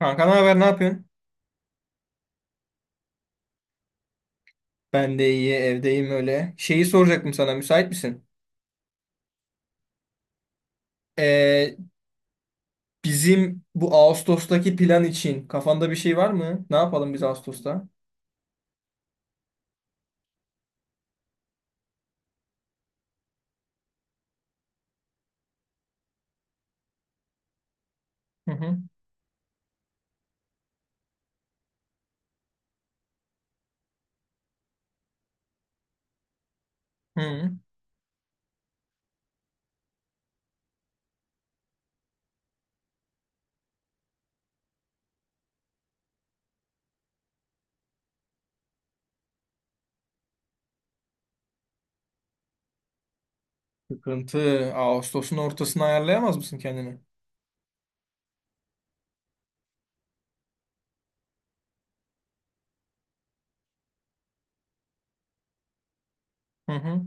Kanka ne haber, ne yapıyorsun? Ben de iyi, evdeyim öyle. Şeyi soracaktım sana, müsait misin? Ee, Bizim bu Ağustos'taki plan için kafanda bir şey var mı? Ne yapalım biz Ağustos'ta? Hı hı. Hı. Sıkıntı. Ağustos'un ortasına ayarlayamaz mısın kendini? Hı hı.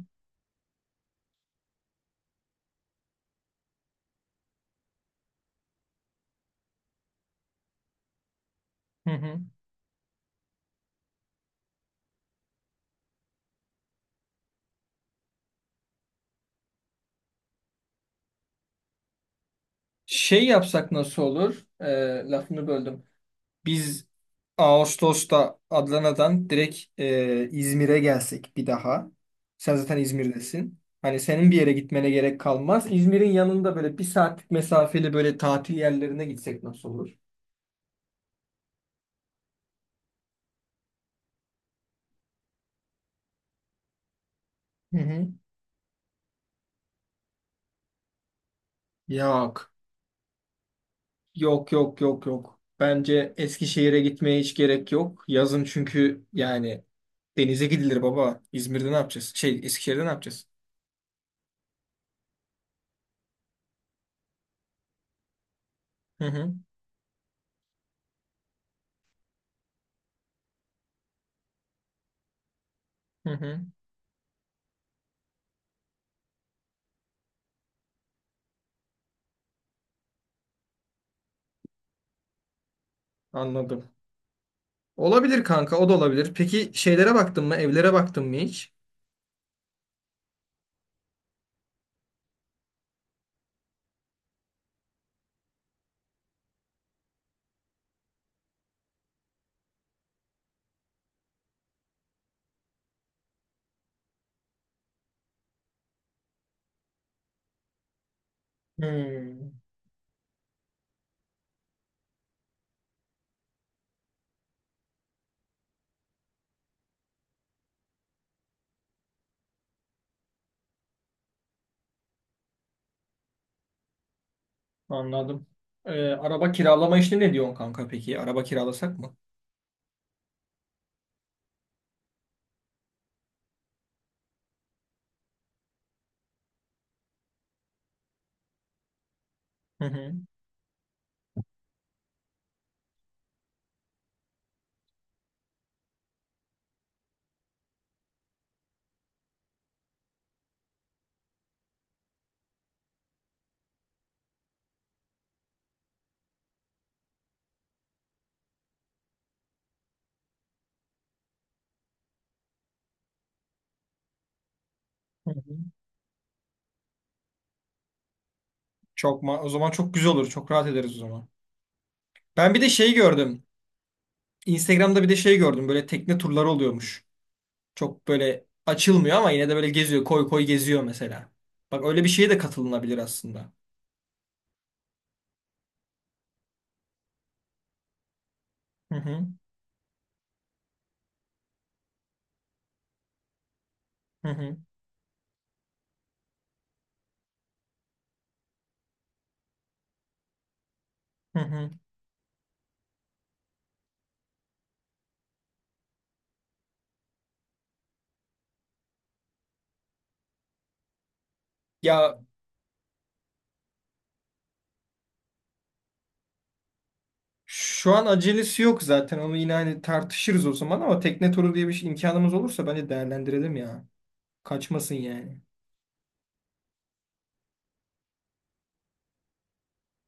Hı hı. Şey yapsak nasıl olur? Lafını böldüm. Biz Ağustos'ta Adana'dan direkt İzmir'e gelsek bir daha. Sen zaten İzmir'desin. Hani senin bir yere gitmene gerek kalmaz. İzmir'in yanında böyle bir saatlik mesafeli böyle tatil yerlerine gitsek nasıl olur? Hı hı. Yok. Yok, yok, yok, yok. Bence Eskişehir'e gitmeye hiç gerek yok. Yazın çünkü yani denize gidilir baba. İzmir'de ne yapacağız? Şey Eskişehir'de ne yapacağız? Hı hı. Hı hı. Anladım. Olabilir kanka, o da olabilir. Peki şeylere baktın mı? Evlere baktın mı hiç? Hmm, Anladım. Araba kiralama işini ne diyorsun kanka peki? Araba kiralasak mı? Hı hı. Hı hı. Çok ma o zaman çok güzel olur. Çok rahat ederiz o zaman. Ben bir de şey gördüm. Instagram'da bir de şey gördüm. Böyle tekne turları oluyormuş. Çok böyle açılmıyor ama yine de böyle geziyor. Koy koy geziyor mesela. Bak öyle bir şeye de katılınabilir aslında. Hı hı. Hı hı. Hı hı. Ya, şu an acelesi yok zaten. Onu yine hani tartışırız o zaman ama tekne turu diye bir şey, imkanımız olursa bence değerlendirelim ya. Kaçmasın yani.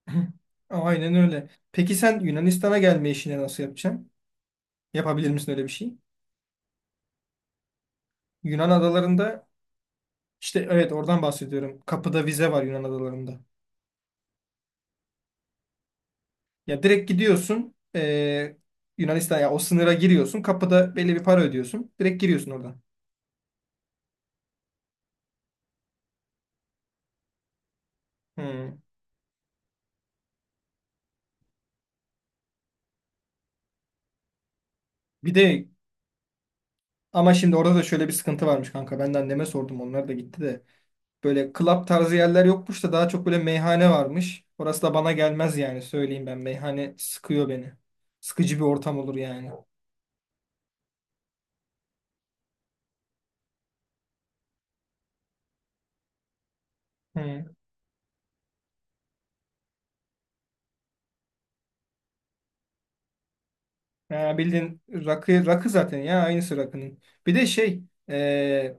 Aynen öyle. Peki sen Yunanistan'a gelme işini nasıl yapacaksın? Yapabilir misin öyle bir şey? Yunan adalarında işte evet oradan bahsediyorum. Kapıda vize var Yunan adalarında. Ya direkt gidiyorsun Yunanistan ya o sınıra giriyorsun. Kapıda belli bir para ödüyorsun. Direkt giriyorsun oradan. Hmm. Bir de ama şimdi orada da şöyle bir sıkıntı varmış kanka. Ben de anneme sordum. Onlar da gitti de. Böyle club tarzı yerler yokmuş da daha çok böyle meyhane varmış. Orası da bana gelmez yani söyleyeyim ben. Meyhane sıkıyor beni. Sıkıcı bir ortam olur yani. Hı. Ya bildiğin rakı, rakı zaten ya aynısı rakının. Bir de şey e,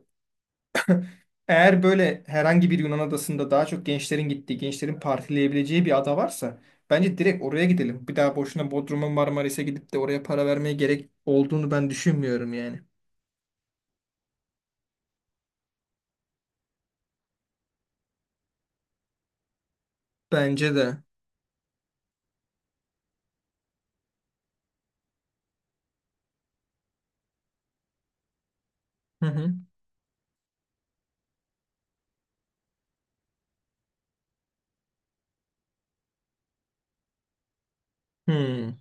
eğer böyle herhangi bir Yunan adasında daha çok gençlerin gittiği, gençlerin partileyebileceği bir ada varsa bence direkt oraya gidelim. Bir daha boşuna Bodrum'a Marmaris'e gidip de oraya para vermeye gerek olduğunu ben düşünmüyorum yani. Bence de. Hı hı. Hı.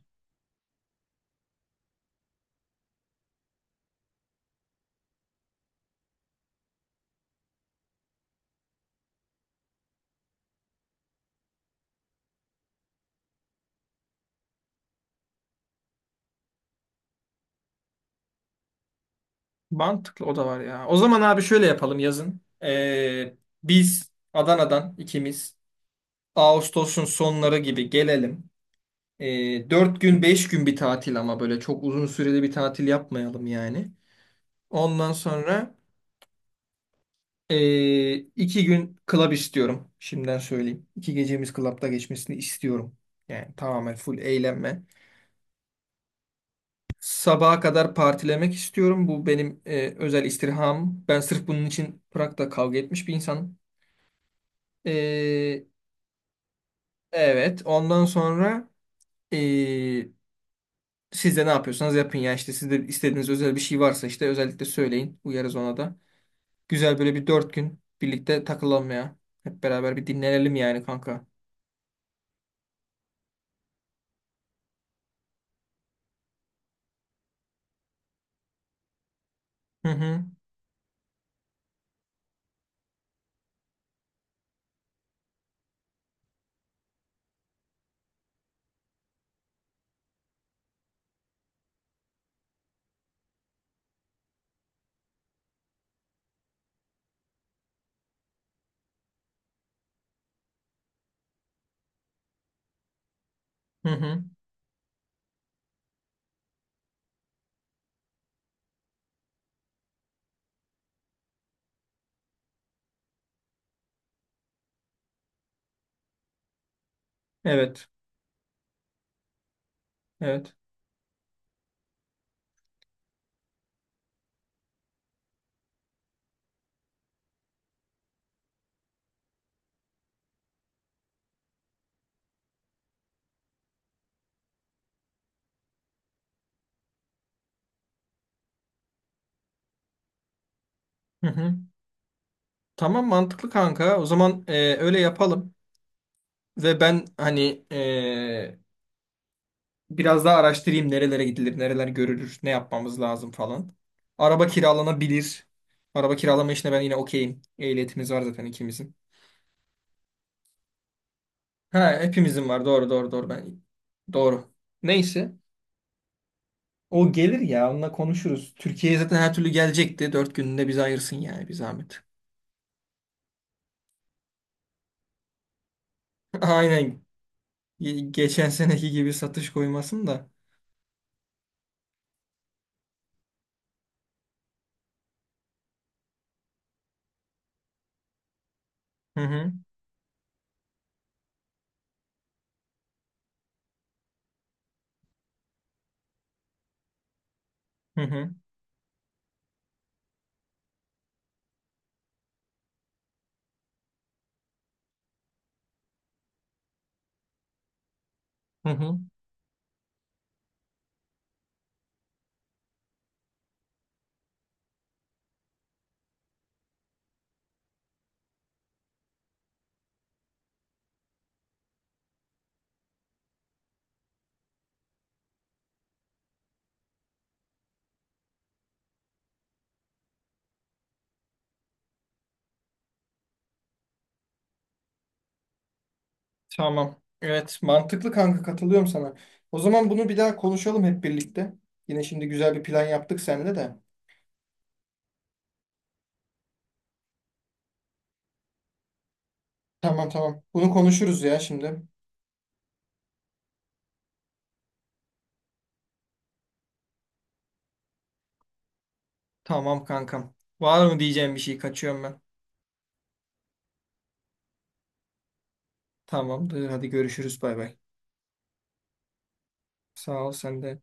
Mantıklı o da var ya. O zaman abi şöyle yapalım yazın. Biz Adana'dan ikimiz Ağustos'un sonları gibi gelelim. 4 gün 5 gün bir tatil ama böyle çok uzun süreli bir tatil yapmayalım yani. Ondan sonra 2 gün club istiyorum. Şimdiden söyleyeyim. 2 gecemiz club'da geçmesini istiyorum. Yani tamamen full eğlenme. Sabaha kadar partilemek istiyorum. Bu benim özel istirham. Ben sırf bunun için Prag'da kavga etmiş bir insanım. Ee, evet. Ondan sonra ee, siz de ne yapıyorsanız yapın ya. İşte sizde istediğiniz özel bir şey varsa işte özellikle söyleyin. Uyarız ona da. Güzel böyle bir 4 gün birlikte takılalım ya. Hep beraber bir dinlenelim yani kanka. Hı hı. Hı hı. Evet. Evet. Hı hı. Tamam mantıklı kanka. O zaman öyle yapalım. Ve ben hani biraz daha araştırayım nerelere gidilir, nereler görülür, ne yapmamız lazım falan. Araba kiralanabilir. Araba kiralama işine ben yine okeyim. Ehliyetimiz var zaten ikimizin. Ha, hepimizin var. Doğru, doğru, doğru. Ben doğru. Neyse. O gelir ya. Onunla konuşuruz. Türkiye'ye zaten her türlü gelecekti. 4 gününde bizi ayırsın yani bir zahmet. Aynen. Geçen seneki gibi satış koymasın da. Hı hı. Hı hı. Hı hı. Tamam. Evet, mantıklı kanka katılıyorum sana. O zaman bunu bir daha konuşalım hep birlikte. Yine şimdi güzel bir plan yaptık seninle de. Tamam tamam. Bunu konuşuruz ya şimdi. Tamam kankam. Var mı diyeceğim bir şey? Kaçıyorum ben. Tamamdır. Hadi görüşürüz. Bay bay. Sağ ol sen de.